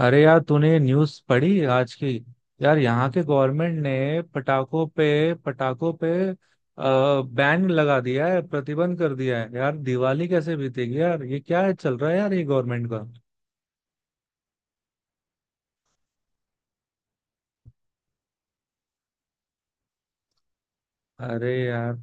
अरे यार तूने न्यूज़ पढ़ी आज की। यार यहाँ के गवर्नमेंट ने पटाखों पे बैन लगा दिया है, प्रतिबंध कर दिया है यार। दिवाली कैसे बीतेगी यार? ये क्या है चल रहा है यार ये गवर्नमेंट का? अरे यार,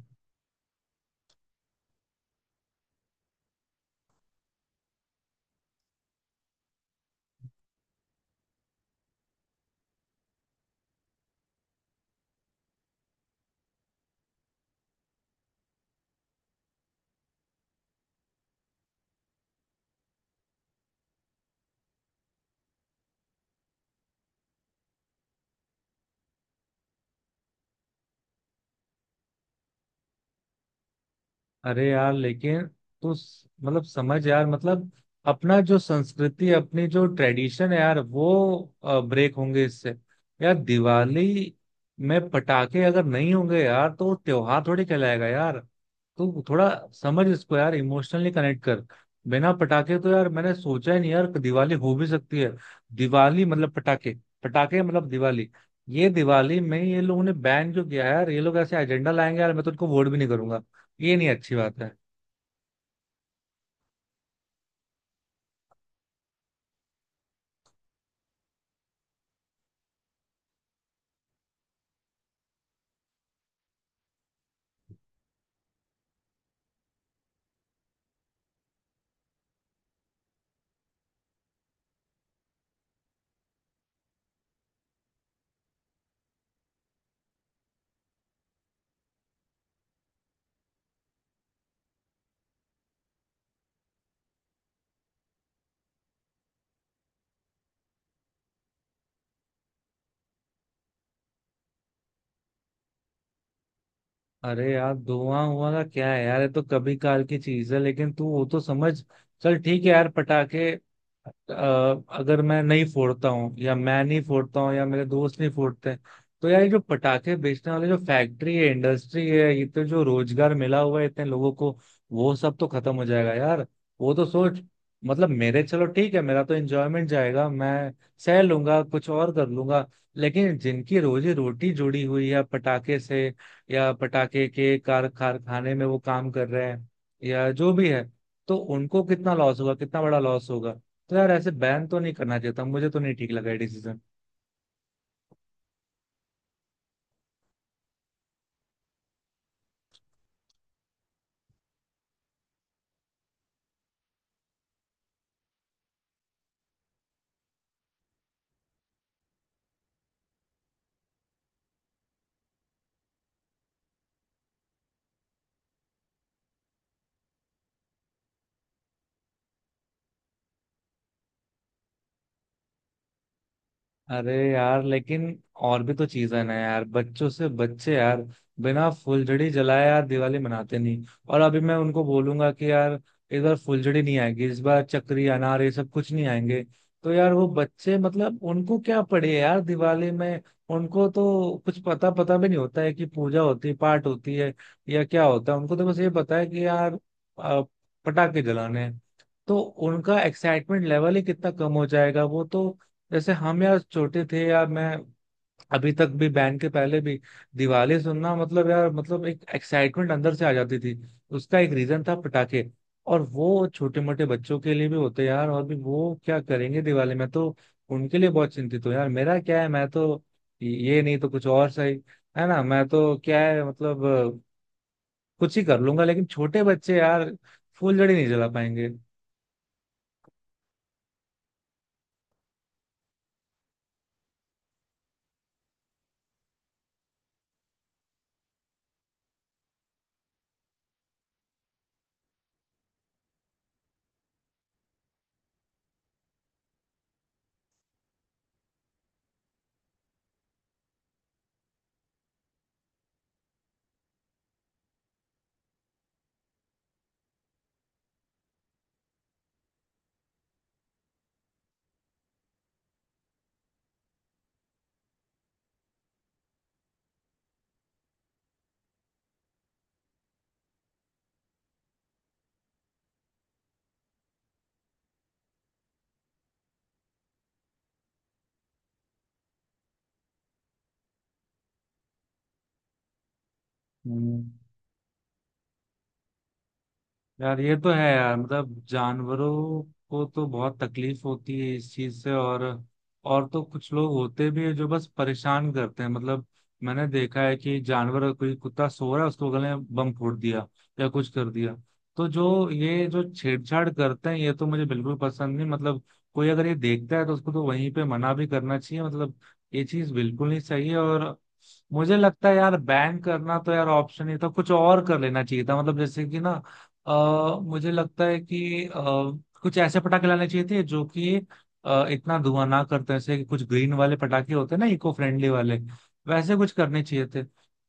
अरे यार लेकिन तू स- मतलब समझ यार, मतलब अपना जो संस्कृति, अपनी जो ट्रेडिशन है यार वो ब्रेक होंगे इससे। यार दिवाली में पटाखे अगर नहीं होंगे यार, तो वो त्योहार थोड़ी कहलाएगा यार। तू थोड़ा समझ इसको यार, इमोशनली कनेक्ट कर। बिना पटाखे तो यार मैंने सोचा ही नहीं यार कि दिवाली हो भी सकती है। दिवाली मतलब पटाखे, पटाखे मतलब दिवाली। ये दिवाली में ये लोगों ने बैन जो किया है यार, ये लोग ऐसे एजेंडा लाएंगे यार, मैं तो उनको वोट भी नहीं करूंगा। ये नहीं अच्छी बात है। अरे यार धुआं हुआ का क्या है यार, ये तो कभी काल की चीज है, लेकिन तू वो तो समझ। चल ठीक है यार पटाखे, अ, अगर मैं नहीं फोड़ता हूँ, या मैं नहीं फोड़ता हूँ, या मेरे दोस्त नहीं फोड़ते हैं, तो यार ये जो पटाखे बेचने वाले जो फैक्ट्री है, इंडस्ट्री है, ये तो जो रोजगार मिला हुआ है इतने लोगों को, वो सब तो खत्म हो जाएगा यार। वो तो सोच। मतलब मेरे, चलो ठीक है, मेरा तो एंजॉयमेंट जाएगा, मैं सह लूंगा, कुछ और कर लूंगा। लेकिन जिनकी रोजी रोटी जुड़ी हुई है पटाखे से, या पटाखे के कारखाने में वो काम कर रहे हैं, या जो भी है, तो उनको कितना लॉस होगा, कितना बड़ा लॉस होगा। तो यार ऐसे बैन तो नहीं करना चाहिए था, मुझे तो नहीं ठीक लगा ये डिसीजन। अरे यार लेकिन और भी तो चीजें ना यार, बच्चों से बच्चे यार बिना फुलझड़ी जलाए यार दिवाली मनाते नहीं, और अभी मैं उनको बोलूंगा कि यार इस बार फुलझड़ी नहीं आएगी, इस बार चक्री अनार ये सब कुछ नहीं आएंगे, तो यार वो बच्चे, मतलब उनको क्या पड़े यार दिवाली में? उनको तो कुछ पता पता भी नहीं होता है कि पूजा होती है, पाठ होती है, या क्या होता है। उनको तो बस ये पता है कि यार अ, पटाखे जलाने हैं। तो उनका एक्साइटमेंट लेवल ही कितना कम हो जाएगा। वो तो जैसे हम यार छोटे थे यार, मैं अभी तक भी बैंड के पहले भी दिवाली सुनना मतलब यार, मतलब एक एक्साइटमेंट अंदर से आ जाती थी। उसका एक रीजन था पटाखे। और वो छोटे मोटे बच्चों के लिए भी होते यार, और भी वो क्या करेंगे दिवाली में तो। उनके लिए बहुत चिंतित हूँ यार, मेरा क्या है, मैं तो ये नहीं तो कुछ और सही, है ना। मैं तो, क्या है मतलब, कुछ ही कर लूंगा, लेकिन छोटे बच्चे यार फुलझड़ी नहीं जला पाएंगे। हम्म। यार ये तो है यार, मतलब जानवरों को तो बहुत तकलीफ होती है इस चीज से। और तो कुछ लोग होते भी है जो बस परेशान करते हैं मतलब, मैंने देखा है कि जानवर, कोई कुत्ता सो रहा है, उसको गले में बम फोड़ दिया या कुछ कर दिया। तो जो ये जो छेड़छाड़ करते हैं, ये तो मुझे बिल्कुल पसंद नहीं मतलब। कोई अगर ये देखता है तो उसको तो वहीं पे मना भी करना चाहिए मतलब। ये चीज बिल्कुल नहीं सही है। और मुझे लगता है यार, बैन करना तो यार ऑप्शन ही था, कुछ और कर लेना चाहिए था, मतलब जैसे कि ना अ, मुझे लगता है कि कुछ ऐसे पटाखे लाने चाहिए थे जो कि इतना धुआं ना करते हैं। जैसे कि कुछ ग्रीन वाले पटाखे होते हैं ना, इको फ्रेंडली वाले, वैसे कुछ करने चाहिए थे।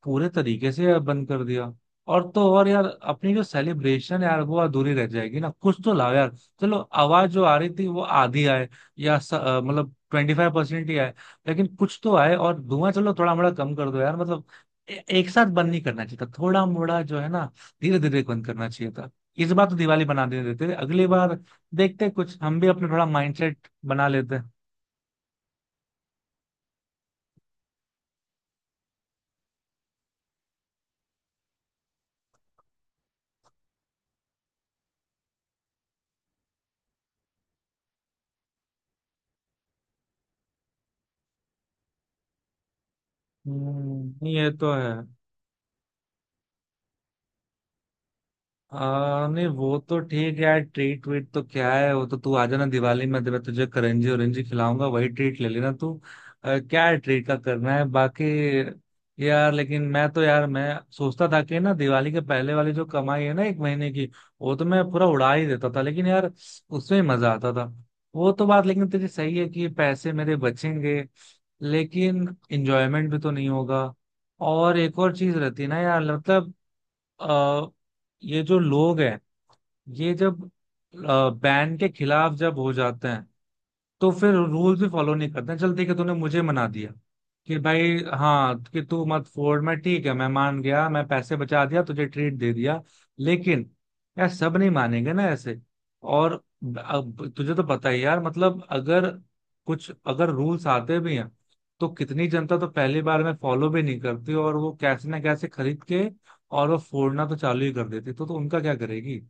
पूरे तरीके से बंद कर दिया। और तो और यार अपनी जो सेलिब्रेशन यार, वो अधूरी रह जाएगी ना, कुछ तो लाओ यार। चलो आवाज जो आ रही थी वो आधी आए, या मतलब 25% ही आए, लेकिन कुछ तो आए। और धुआं चलो थोड़ा मोड़ा कम कर दो यार, मतलब एक साथ बंद नहीं करना चाहिए था, थोड़ा मोड़ा जो है ना, धीरे धीरे बंद करना चाहिए था। इस बार तो दिवाली बना दे देते थे, अगली बार देखते हैं, कुछ हम भी अपने थोड़ा माइंडसेट बना लेते हैं। ये तो है। आ, नहीं वो तो ठीक है यार, ट्रीट वीट तो क्या है, वो तो तू आ जाना दिवाली में, तो मैं तुझे करंजी औरंजी खिलाऊंगा, वही ट्रीट ले लेना तू। आ, क्या है ट्रीट का करना है बाकी। यार लेकिन मैं तो यार, मैं सोचता था कि ना दिवाली के पहले वाली जो कमाई है ना एक महीने की, वो तो मैं पूरा उड़ा ही देता था, लेकिन यार उसमें ही मजा आता था। वो तो बात लेकिन तेरी सही है कि पैसे मेरे बचेंगे, लेकिन इंजॉयमेंट भी तो नहीं होगा। और एक और चीज रहती है ना यार, मतलब अ, ये जो लोग हैं, ये जब बैन के खिलाफ जब हो जाते हैं, तो फिर रूल्स भी फॉलो नहीं करते हैं। चल ठीक है, तूने मुझे मना दिया कि भाई, हाँ, कि तू मत फोड़, मैं ठीक है, मैं मान गया, मैं पैसे बचा दिया, तुझे ट्रीट दे दिया। लेकिन यार सब नहीं मानेंगे ना ऐसे। और अब तुझे तो पता ही यार, मतलब अगर कुछ अगर रूल्स आते भी हैं, तो कितनी जनता तो पहली बार में फॉलो भी नहीं करती, और वो कैसे ना कैसे खरीद के और वो फोड़ना तो चालू ही कर देती, तो उनका क्या करेगी।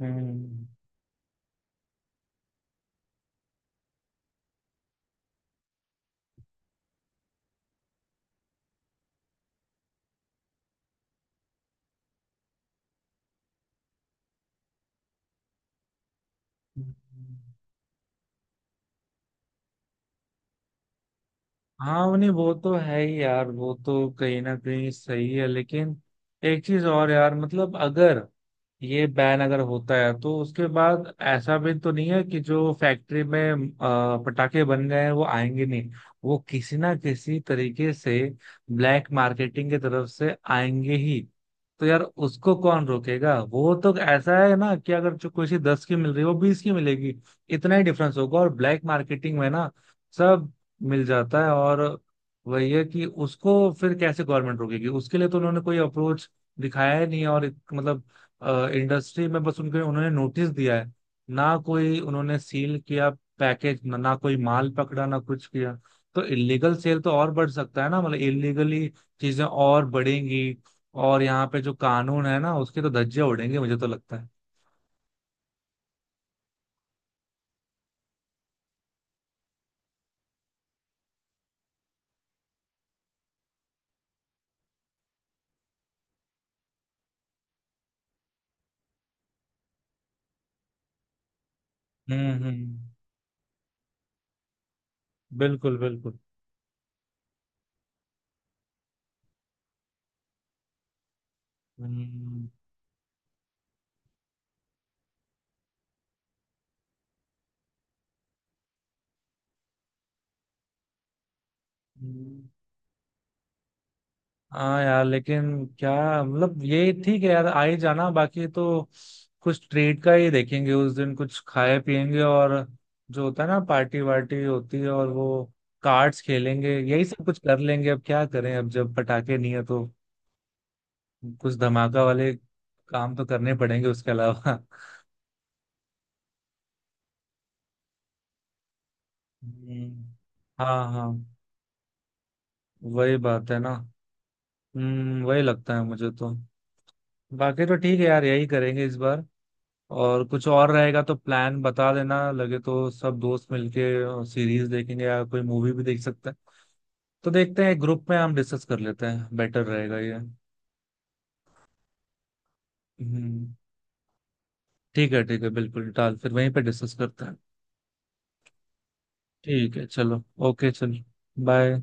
हम्म। हम्म। हाँ उन्हें, वो तो है ही यार, वो तो कहीं ना कहीं सही है, लेकिन एक चीज और यार मतलब, अगर ये बैन अगर होता है तो उसके बाद ऐसा भी तो नहीं है कि जो फैक्ट्री में पटाखे बन गए हैं वो आएंगे नहीं। वो किसी ना किसी तरीके से ब्लैक मार्केटिंग की तरफ से आएंगे ही। तो यार उसको कौन रोकेगा? वो तो ऐसा है ना, कि अगर जो कोई चीज दस की मिल रही है वो बीस की मिलेगी, इतना ही डिफरेंस होगा। और ब्लैक मार्केटिंग में ना सब मिल जाता है। और वही है कि उसको फिर कैसे गवर्नमेंट रोकेगी? उसके लिए तो उन्होंने कोई अप्रोच दिखाया ही नहीं है। और मतलब इंडस्ट्री में बस उनके, उन्होंने नोटिस दिया है, ना कोई उन्होंने सील किया पैकेज, ना कोई माल पकड़ा, ना कुछ किया। तो इलीगल सेल तो और बढ़ सकता है ना, मतलब इलीगली चीजें और बढ़ेंगी। और यहाँ पे जो कानून है ना उसके तो धज्जे उड़ेंगे, मुझे तो लगता है। हम्म। बिल्कुल बिल्कुल। हम्म हम्म। हाँ यार लेकिन क्या, मतलब ये ठीक है यार, आ ही जाना, बाकी तो कुछ ट्रीट का ही देखेंगे उस दिन, कुछ खाए पिएंगे, और जो होता है ना पार्टी वार्टी होती है, और वो कार्ड्स खेलेंगे, यही सब कुछ कर लेंगे। अब क्या करें, अब जब पटाखे नहीं है तो कुछ धमाका वाले काम तो करने पड़ेंगे उसके अलावा। हम्म, हाँ हाँ, वही बात है ना। हम्म, वही लगता है मुझे तो। बाकी तो ठीक है यार, यही करेंगे इस बार। और कुछ और रहेगा तो प्लान बता देना, लगे तो सब दोस्त मिलके सीरीज देखेंगे या कोई मूवी भी देख सकते हैं। तो देखते हैं, ग्रुप में हम डिस्कस कर लेते हैं, बेटर रहेगा ये। हम्म, ठीक है ठीक है, बिल्कुल डाल, फिर वहीं पे डिस्कस करते हैं। ठीक है चलो। ओके चलो। बाय।